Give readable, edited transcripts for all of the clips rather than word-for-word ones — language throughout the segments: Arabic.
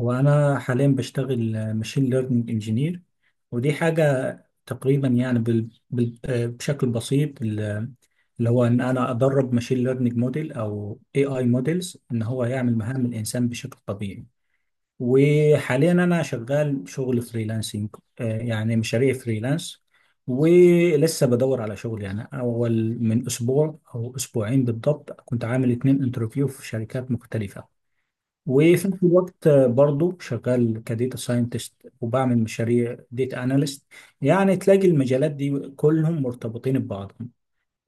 هو أنا حاليا بشتغل ماشين ليرنينج انجينير، ودي حاجة تقريبا، يعني بال... بال... آه، بشكل بسيط اللي هو إن أنا أدرب ماشين ليرنينج موديل أو اي اي موديلز، إن هو يعمل مهام الإنسان بشكل طبيعي. وحاليا أنا شغال شغل فريلانسنج، يعني مشاريع فريلانس. ولسه بدور على شغل، يعني أول من أسبوع أو أسبوعين بالضبط كنت عامل اتنين انترفيو في شركات مختلفة. وفي نفس الوقت برضو شغال كديتا ساينتست، وبعمل مشاريع ديتا اناليست. يعني تلاقي المجالات دي كلهم مرتبطين ببعضهم.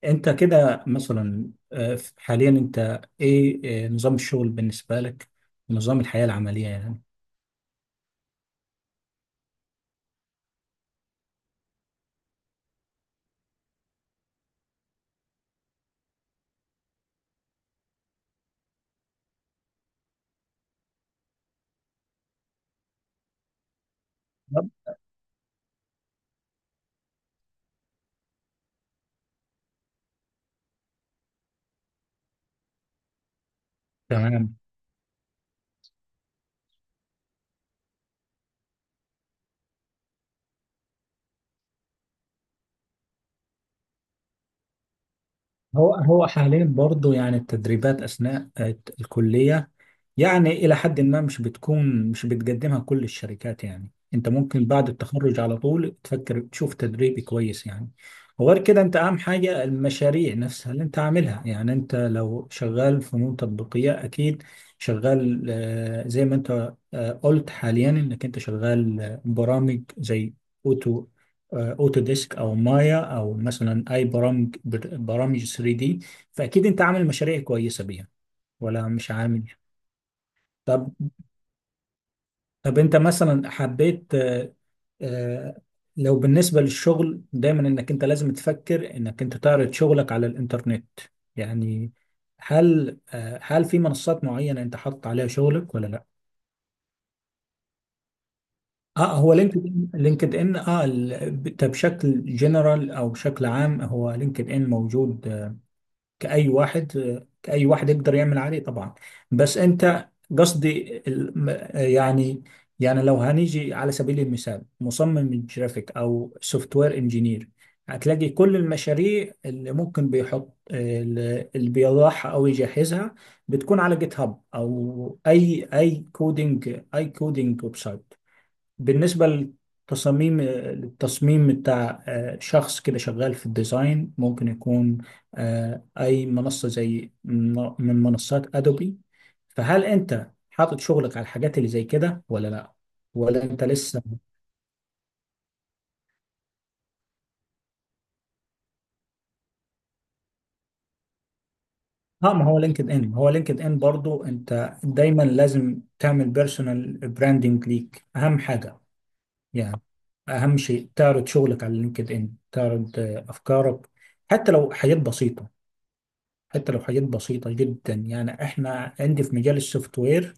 انت كده مثلا، حاليا انت ايه، نظام الشغل بالنسبة لك؟ نظام الحياة العملية يعني؟ طب، تمام. هو حاليا برضو، يعني التدريبات اثناء الكلية، يعني إلى حد ما مش بتقدمها كل الشركات. يعني أنت ممكن بعد التخرج على طول تفكر تشوف تدريب كويس، يعني. وغير كده أنت أهم حاجة المشاريع نفسها اللي أنت عاملها، يعني أنت لو شغال فنون تطبيقية أكيد شغال، زي ما أنت قلت حاليا إنك أنت شغال برامج زي أوتو، أوتو ديسك أو مايا، أو مثلا أي برامج 3D. فأكيد أنت عامل مشاريع كويسة بيها ولا مش عامل؟ طب طب انت مثلا حبيت، آه، لو بالنسبة للشغل، دايما انك انت لازم تفكر انك انت تعرض شغلك على الانترنت، يعني. هل هل في منصات معينة انت حاطط عليها شغلك ولا لا؟ اه، هو لينكد ان اه، ده بشكل جنرال او بشكل عام. هو لينكد ان موجود كأي واحد، كأي واحد يقدر يعمل عليه طبعا. بس أنت، قصدي يعني، لو هنيجي على سبيل المثال مصمم الجرافيك أو سوفت وير انجينير، هتلاقي كل المشاريع اللي ممكن اللي بيضعها أو يجهزها بتكون على جيت هاب، أو أي كودينج ويب سايت. بالنسبة للتصميم بتاع شخص كده شغال في الديزاين، ممكن يكون أي منصة زي من منصات أدوبي. فهل أنت حاطط شغلك على الحاجات اللي زي كده ولا لأ؟ ولا أنت لسه؟ اه، ما هو لينكد إن، برضو أنت دايما لازم تعمل بيرسونال براندنج ليك، أهم حاجة يعني. أهم شيء تعرض شغلك على لينكد إن، تعرض أفكارك. حتى لو حاجات بسيطة، حتى لو حاجات بسيطة جدا، يعني احنا عندي في مجال السوفت وير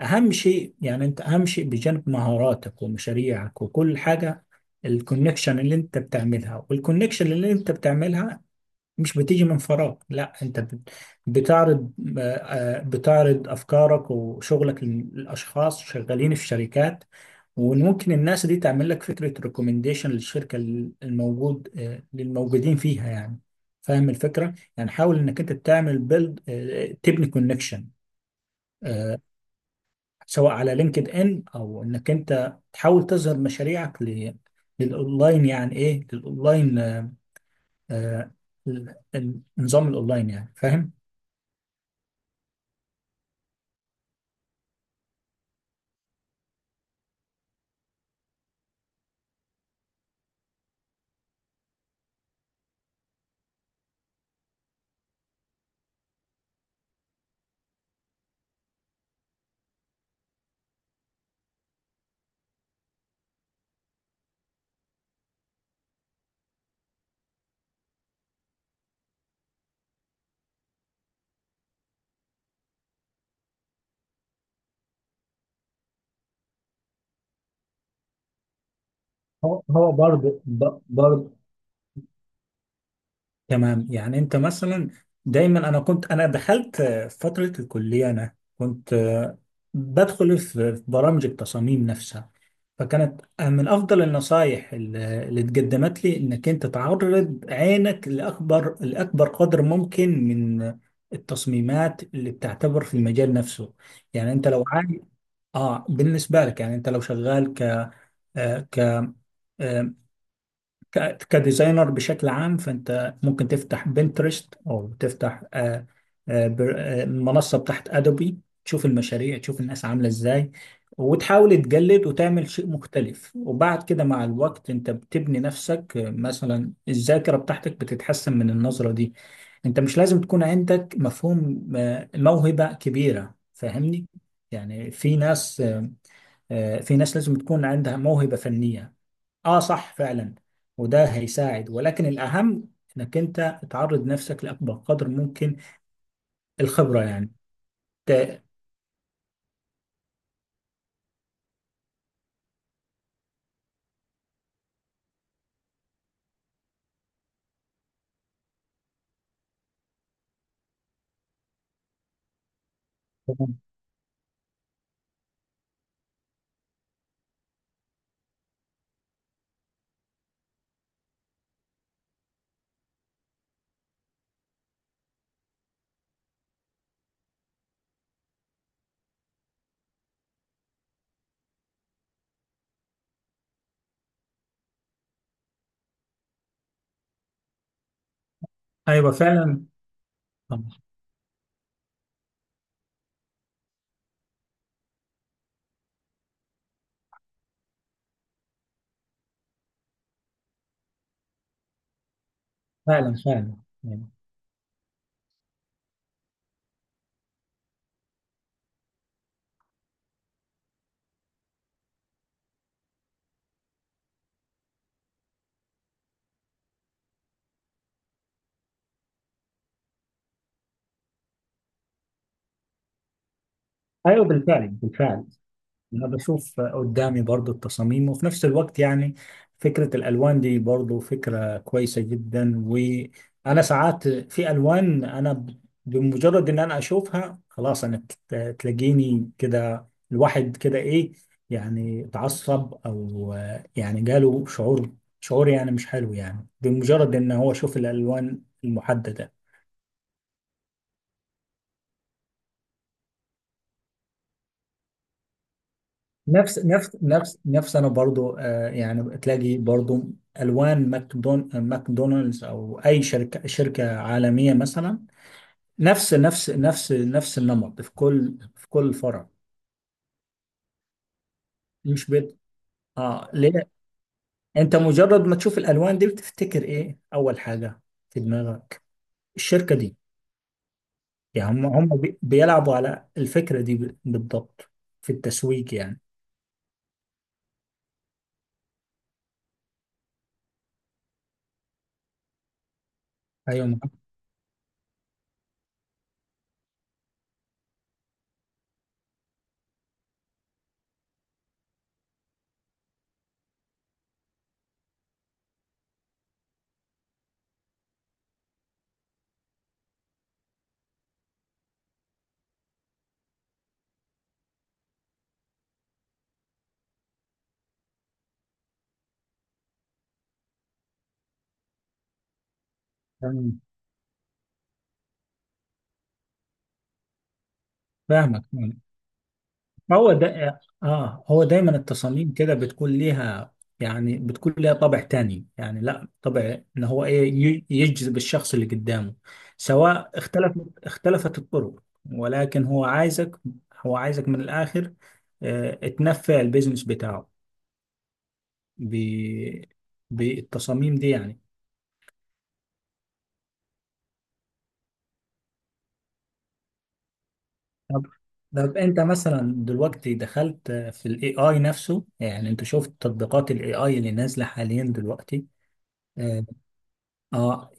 اهم شيء. يعني انت اهم شيء بجانب مهاراتك ومشاريعك وكل حاجة الكونكشن اللي انت بتعملها، مش بتيجي من فراغ. لا انت بت- بتعرض آه، آه، بتعرض افكارك وشغلك للاشخاص شغالين في شركات. وممكن الناس دي تعمل لك فكرة ريكومنديشن للشركة، الموجود آه، للموجودين فيها يعني. فاهم الفكرة؟ يعني حاول انك انت تعمل تبني كونكشن، سواء على لينكد ان، او انك انت تحاول تظهر مشاريعك للاونلاين. يعني ايه للاونلاين؟ آه، ال- النظام الاونلاين يعني، فاهم؟ هو برضه تمام. يعني انت مثلا دايما، انا دخلت فترة الكلية، انا كنت آه، بدخل في برامج التصاميم نفسها. فكانت من افضل النصايح اللي اتقدمت لي انك انت تعرض عينك لاكبر، لاكبر قدر ممكن من التصميمات اللي بتعتبر في المجال نفسه. يعني انت لو عايز، اه بالنسبة لك، يعني انت لو شغال ك كديزاينر بشكل عام، فانت ممكن تفتح بنترست، او تفتح منصه بتاعت ادوبي. تشوف المشاريع، تشوف الناس عامله ازاي، وتحاول تجلد وتعمل شيء مختلف. وبعد كده مع الوقت انت بتبني نفسك، مثلا الذاكره بتاعتك بتتحسن من النظره دي. انت مش لازم تكون عندك مفهوم، موهبه كبيره، فاهمني؟ يعني في ناس، لازم تكون عندها موهبه فنيه. اه صح فعلا. وده هيساعد، ولكن الأهم انك انت تعرض نفسك لأكبر قدر ممكن. الخبرة يعني. ت- ايوه فعلا فعلا فعلا يعني. ايوه بالفعل بالفعل. انا بشوف قدامي برضو التصاميم، وفي نفس الوقت يعني فكرة الالوان دي برضو فكرة كويسة جدا. وانا ساعات في الوان انا بمجرد ان انا اشوفها خلاص، انا تلاقيني كده الواحد كده ايه، يعني اتعصب او يعني جاله شعور، يعني مش حلو، يعني بمجرد ان هو شوف الالوان المحددة. نفس نفس نفس نفس انا برضو يعني تلاقي برضو الوان ماكدونالدز، او اي شركه، عالميه مثلا، نفس النمط في كل، في كل فرع. مش بيت. اه ليه. انت مجرد ما تشوف الالوان دي بتفتكر ايه اول حاجه في دماغك؟ الشركه دي. يعني هم بيلعبوا على الفكره دي بالضبط، في التسويق يعني. ايوه معاك. تمام. فاهمك. هو ده اه هو دايما التصاميم كده بتكون ليها، يعني بتكون ليها طابع تاني، يعني لا طابع ان هو ايه، يجذب الشخص اللي قدامه. سواء اختلفت الطرق، ولكن هو عايزك، من الاخر، تنفع البيزنس بتاعه ب بالتصاميم دي يعني. طب طب انت مثلا دلوقتي دخلت في الاي اي نفسه. يعني انت شفت تطبيقات الاي اي اللي نازله حاليا دلوقتي؟ آه، آه،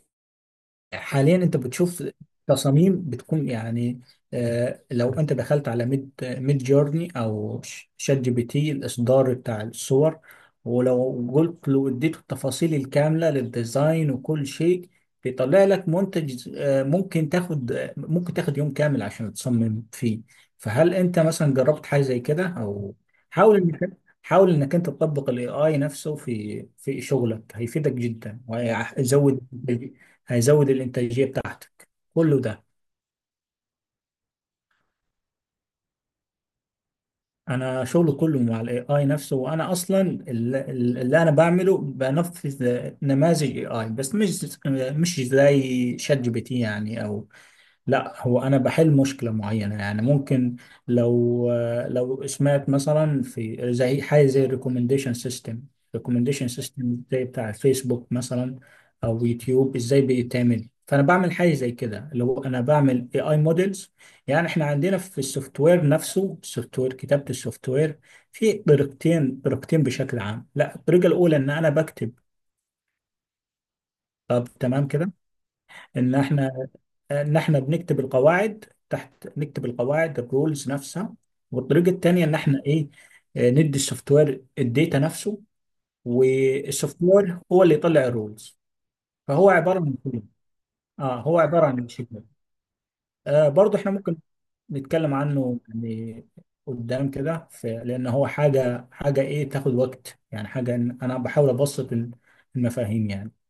حاليا انت بتشوف تصاميم بتكون، يعني لو انت دخلت على ميد جورني، او شات جي بي تي الاصدار بتاع الصور، ولو قلت له اديته التفاصيل الكامله للديزاين وكل شيء، بيطلع لك منتج، ممكن تاخد يوم كامل عشان تصمم فيه. فهل انت مثلا جربت حاجه زي كده، او حاول انك انت تطبق الاي اي نفسه في شغلك؟ هيفيدك جدا، هيزود الانتاجيه بتاعتك كله ده. انا شغل كله مع الاي اي نفسه. وانا اصلا اللي انا بعمله بنفذ نماذج اي اي، بس مش زي شات جي بي تي يعني، او لا هو انا بحل مشكله معينه يعني. ممكن، لو لو سمعت مثلا في زي حاجه زي الريكومنديشن سيستم، ريكومنديشن سيستم زي بتاع فيسبوك مثلا، او يوتيوب ازاي بيتعمل. فانا بعمل حاجه زي كده لو انا بعمل اي اي موديلز. يعني احنا عندنا في السوفت وير نفسه، السوفت وير، كتابه السوفت وير في طريقتين، بشكل عام. لا الطريقه الاولى ان انا بكتب. طب تمام كده. ان احنا ان احنا بنكتب القواعد تحت، نكتب القواعد الرولز نفسها. والطريقه الثانيه ان احنا ايه، ندي السوفت وير الداتا نفسه، والسوفت وير هو اللي يطلع الرولز. فهو عباره عن شيء. اه هو عباره عن شيء برضه احنا ممكن نتكلم عنه يعني قدام كده. لان هو حاجه، ايه، تاخد وقت يعني. حاجه إن انا بحاول ابسط المفاهيم يعني.